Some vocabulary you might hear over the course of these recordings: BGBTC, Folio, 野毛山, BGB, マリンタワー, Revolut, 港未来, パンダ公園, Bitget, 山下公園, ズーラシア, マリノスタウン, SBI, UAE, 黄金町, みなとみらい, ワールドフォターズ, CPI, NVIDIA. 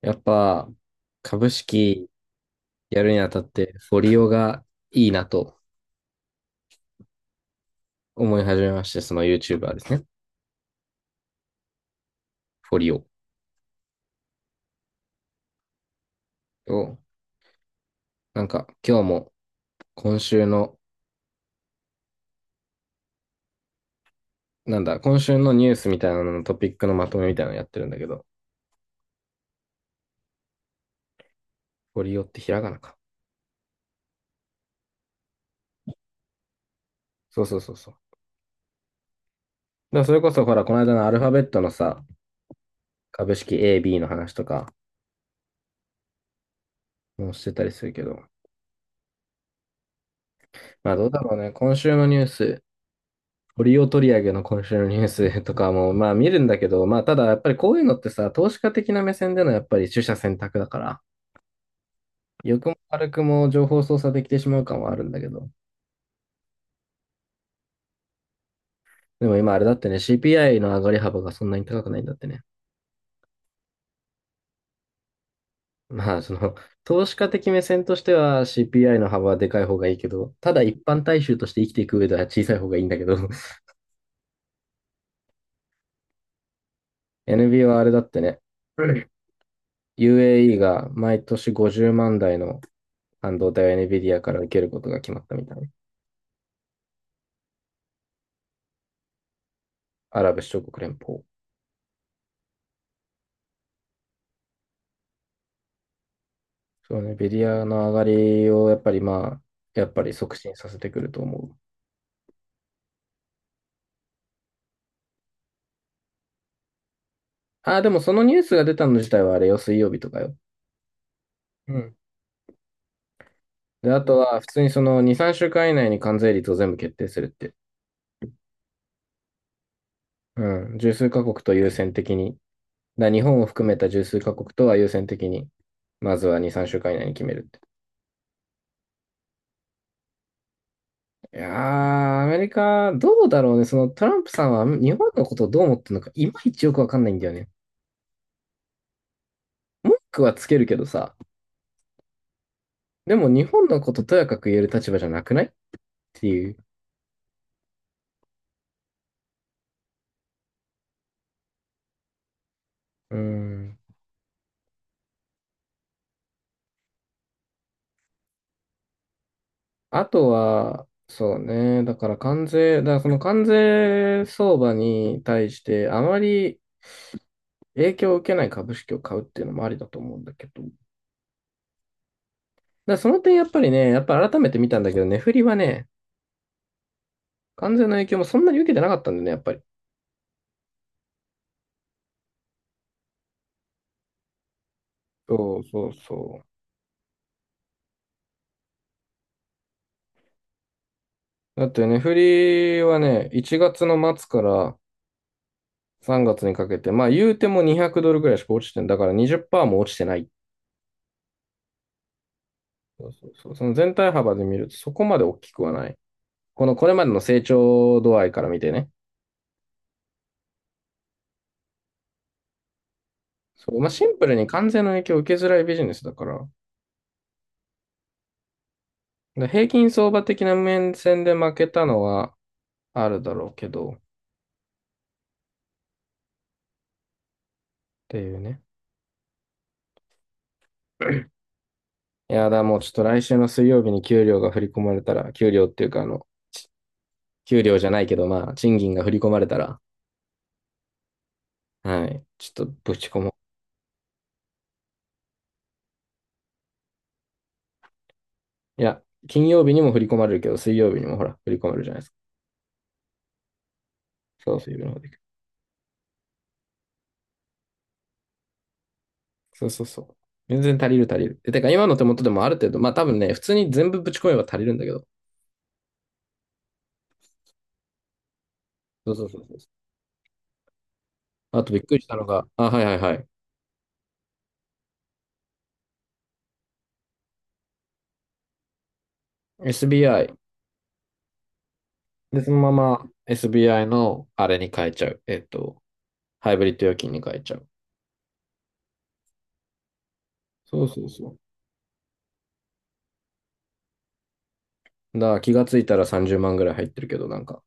やっぱ株式やるにあたってフォリオがいいなと思い始めまして、その YouTuber ですね。フォリオを、なんか今日も今週の、なんだ、今週のニュースみたいなののトピックのまとめみたいなのやってるんだけど、フォリオってひらがなか。そうそうそうそう。だからそれこそほら、この間のアルファベットのさ、株式 A、B の話とかもしてたりするけど、まあどうだろうね。今週のニュース、利リオ取り上げの今週のニュースとかも、まあ見るんだけど、まあただやっぱりこういうのってさ、投資家的な目線でのやっぱり取捨選択だから、欲も悪くも情報操作できてしまう感はあるんだけど、でも今あれだってね、CPI の上がり幅がそんなに高くないんだってね。まあその、投資家的目線としては CPI の幅はでかい方がいいけど、ただ一般大衆として生きていく上では小さい方がいいんだけど、NB はあれだってね、UAE が毎年50万台の半導体を NVIDIA から受けることが決まったみたいな。アラブ首長国連邦。そうね、ベリアの上がりをやっぱりまあ、やっぱり促進させてくると思う。ああ、でもそのニュースが出たの自体はあれよ、水曜日とかよ。うん。で、あとは普通にその2、3週間以内に関税率を全部決定するって。うん。十数カ国と優先的に。だ日本を含めた十数カ国とは優先的に、まずは2、3週間以内に決めるって。いやー、アメリカ、どうだろうね。そのトランプさんは日本のことをどう思ってるのか、いまいちよくわかんないんだよね。文句はつけるけどさ。でも日本のこととやかく言える立場じゃなくないっていう。うん。あとは、そうね。だから関税、だからその関税相場に対してあまり影響を受けない株式を買うっていうのもありだと思うんだけど。だからその点やっぱりね、やっぱ改めて見たんだけど、値振りはね、関税の影響もそんなに受けてなかったんだよね、やっぱり。そうそうそう。だって値振りはね、1月の末から3月にかけて、まあ言うても200ドルぐらいしか落ちてんだから20%も落ちてないっそうそうそう。その全体幅で見るとそこまで大きくはない。このこれまでの成長度合いから見てね。そう、まあ、シンプルに関税の影響を受けづらいビジネスだから、で平均相場的な面線で負けたのはあるだろうけど、っていうね。いやだ、もうちょっと来週の水曜日に給料が振り込まれたら、給料っていうか給料じゃないけど、まあ、賃金が振り込まれたら、はい、ちょっとぶち込もう。いや、金曜日にも振り込まれるけど、水曜日にもほら、振り込まれるじゃないですか。そう、水曜日の方でそうそうそう。全然足りる足りる。で、てか今の手元でもある程度、まあ多分ね、普通に全部ぶち込めば足りるんだけど。そうそうそうそう。あとびっくりしたのが、あ、はいはいはい。SBI。で、そのまま SBI のあれに変えちゃう。ハイブリッド預金に変えちゃう。そうそうそう。だから気がついたら30万ぐらい入ってるけど、なんか、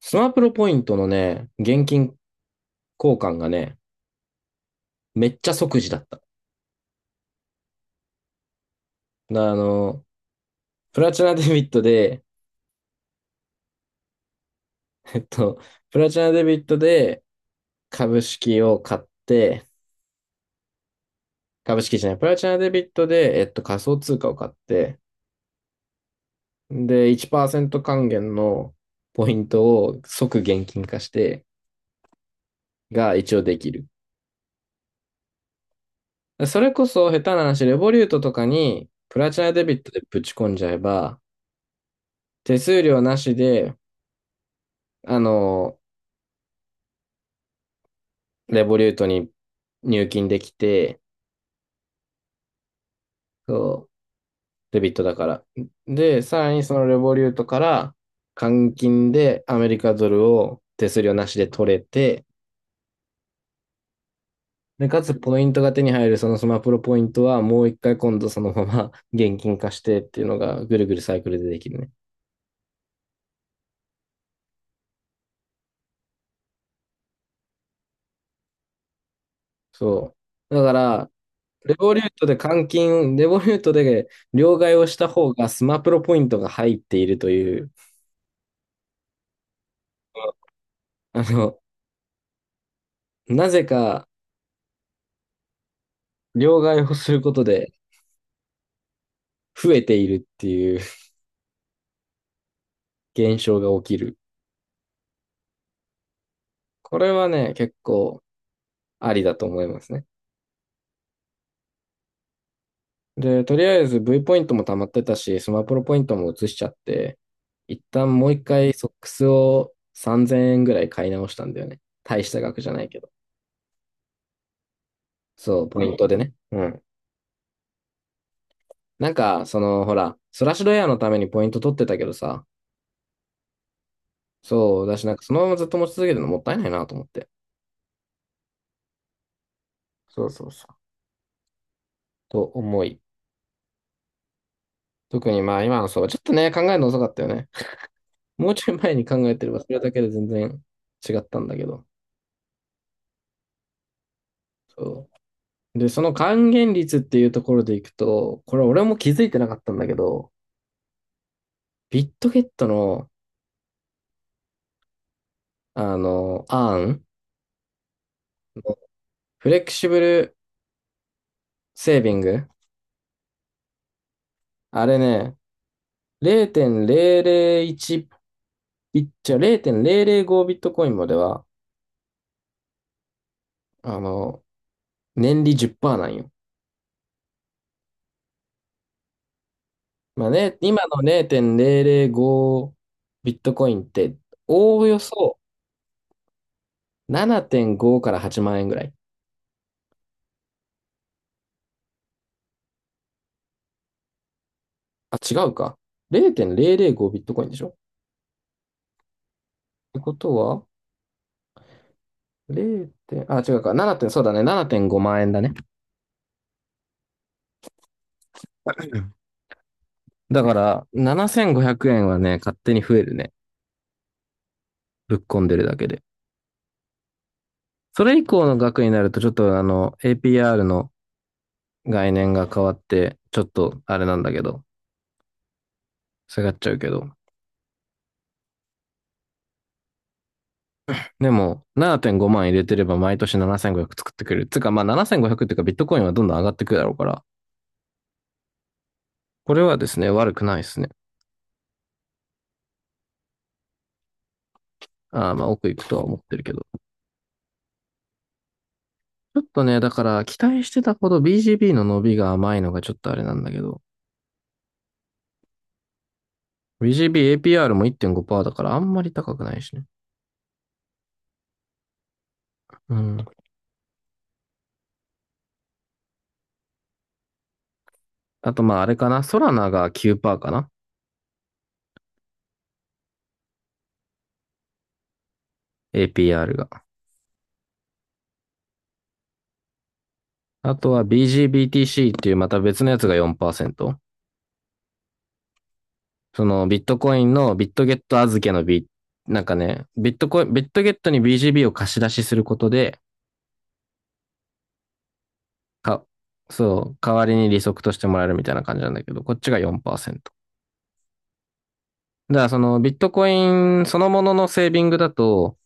スマプロポイントのね、現金交換がね、めっちゃ即時だった。だからプラチナデビットで、えっと、プラチナデビットで、株式を買って、株式じゃない、プラチナデビットで、仮想通貨を買って、で、1%還元のポイントを即現金化してが一応できる。それこそ下手な話、レボリュートとかにプラチナデビットでぶち込んじゃえば、手数料なしで、あの、レボリュートに入金できて、デビットだから。で、さらにそのレボリュートから換金でアメリカドルを手数料なしで取れて、で、かつポイントが手に入るそのスマプロポイントはもう一回今度そのまま 現金化してっていうのがぐるぐるサイクルでできるね。そう。だから、レボリュートで換金、レボリュートで両替をした方がスマプロポイントが入っているという、あの、なぜか両替をすることで増えているっていう現象が起きる。これはね、結構ありだと思いますね。で、とりあえず V ポイントも溜まってたし、スマプロポイントも移しちゃって、一旦もう一回ソックスを3000円ぐらい買い直したんだよね。大した額じゃないけど。そう、ポイントでね。うん。なんか、その、ほら、ソラッシュドエアのためにポイント取ってたけどさ、そう、だし、なんかそのままずっと持ち続けてるのもったいないなと思って。そうそうそう。と思い。特にまあ今のそう、ちょっとね、考えるの遅かったよね。もうちょい前に考えてれば、それだけで全然違ったんだけど。そう。で、その還元率っていうところでいくと、これ俺も気づいてなかったんだけど、ビットゲットの、アーンフレキシブルセービング、あれね、0.001ビッチャ、0.005ビットコインまでは、あの、年利10%なんよ。まあね、今の0.005ビットコインって、おおよそ7.5から8万円ぐらい。あ、違うか。0.005ビットコインでしょてことは、0点、あ、違うか、7点、そうだね、7.5万円だね。だから、7500円はね、勝手に増えるね。ぶっ込んでるだけで。それ以降の額になると、ちょっとあの、APR の概念が変わって、ちょっとあれなんだけど、下がっちゃうけど。でも、7.5万入れてれば毎年7500作ってくれる。つうか、まあ7500っていうか、ビットコインはどんどん上がってくるだろうから、これはですね、悪くないですね。あーまあ、奥行くとは思ってるけど。ちょっとね、だから期待してたほど BGB の伸びが甘いのがちょっとあれなんだけど、BGB APR も1.5%だからあんまり高くないしね。うん。あとまああれかな、ソラナが9%かな？ APR が。あとは BGBTC っていうまた別のやつが4%。そのビットコインのビットゲット預けのビ、なんかね、ビットコイン、ビットゲットに BGB を貸し出しすることで、か、そう、代わりに利息としてもらえるみたいな感じなんだけど、こっちが4%。だからそのビットコインそのもののセービングだと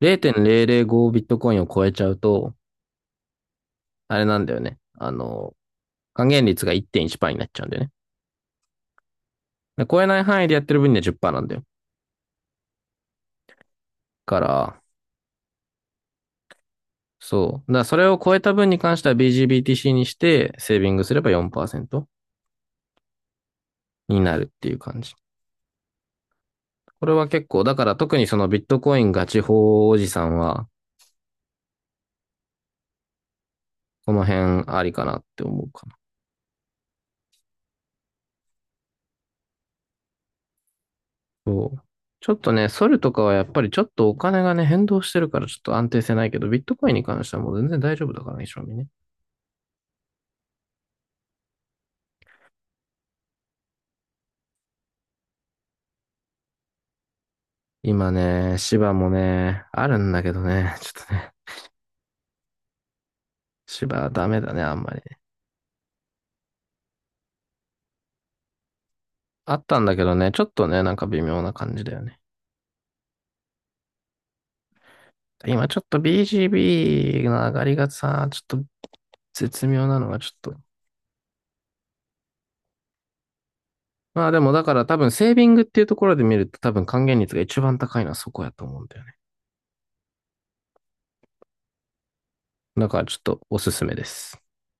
0.005ビットコインを超えちゃうと、あれなんだよね。還元率が1.1%になっちゃうんだよね。で超えない範囲でやってる分には10%なんだよ。から、そう。だからそれを超えた分に関しては BGBTC にしてセービングすれば4%になるっていう感じ。これは結構、だから特にそのビットコインガチ法おじさんは、この辺ありかなって思うかそう。ちょっとね、ソルとかはやっぱりちょっとお金がね、変動してるからちょっと安定性ないけど、ビットコインに関してはもう全然大丈夫だからね、正味ね。今ね、芝もね、あるんだけどね、ちょっとね、芝はダメだね、あんまり。あったんだけどね、ちょっとね、なんか微妙な感じだよね。今ちょっと BGB の上がりがさ、ちょっと絶妙なのがちょっと。まあでもだから多分セービングっていうところで見ると多分還元率が一番高いのはそこやと思うんだよね。だからちょっとおすすめです。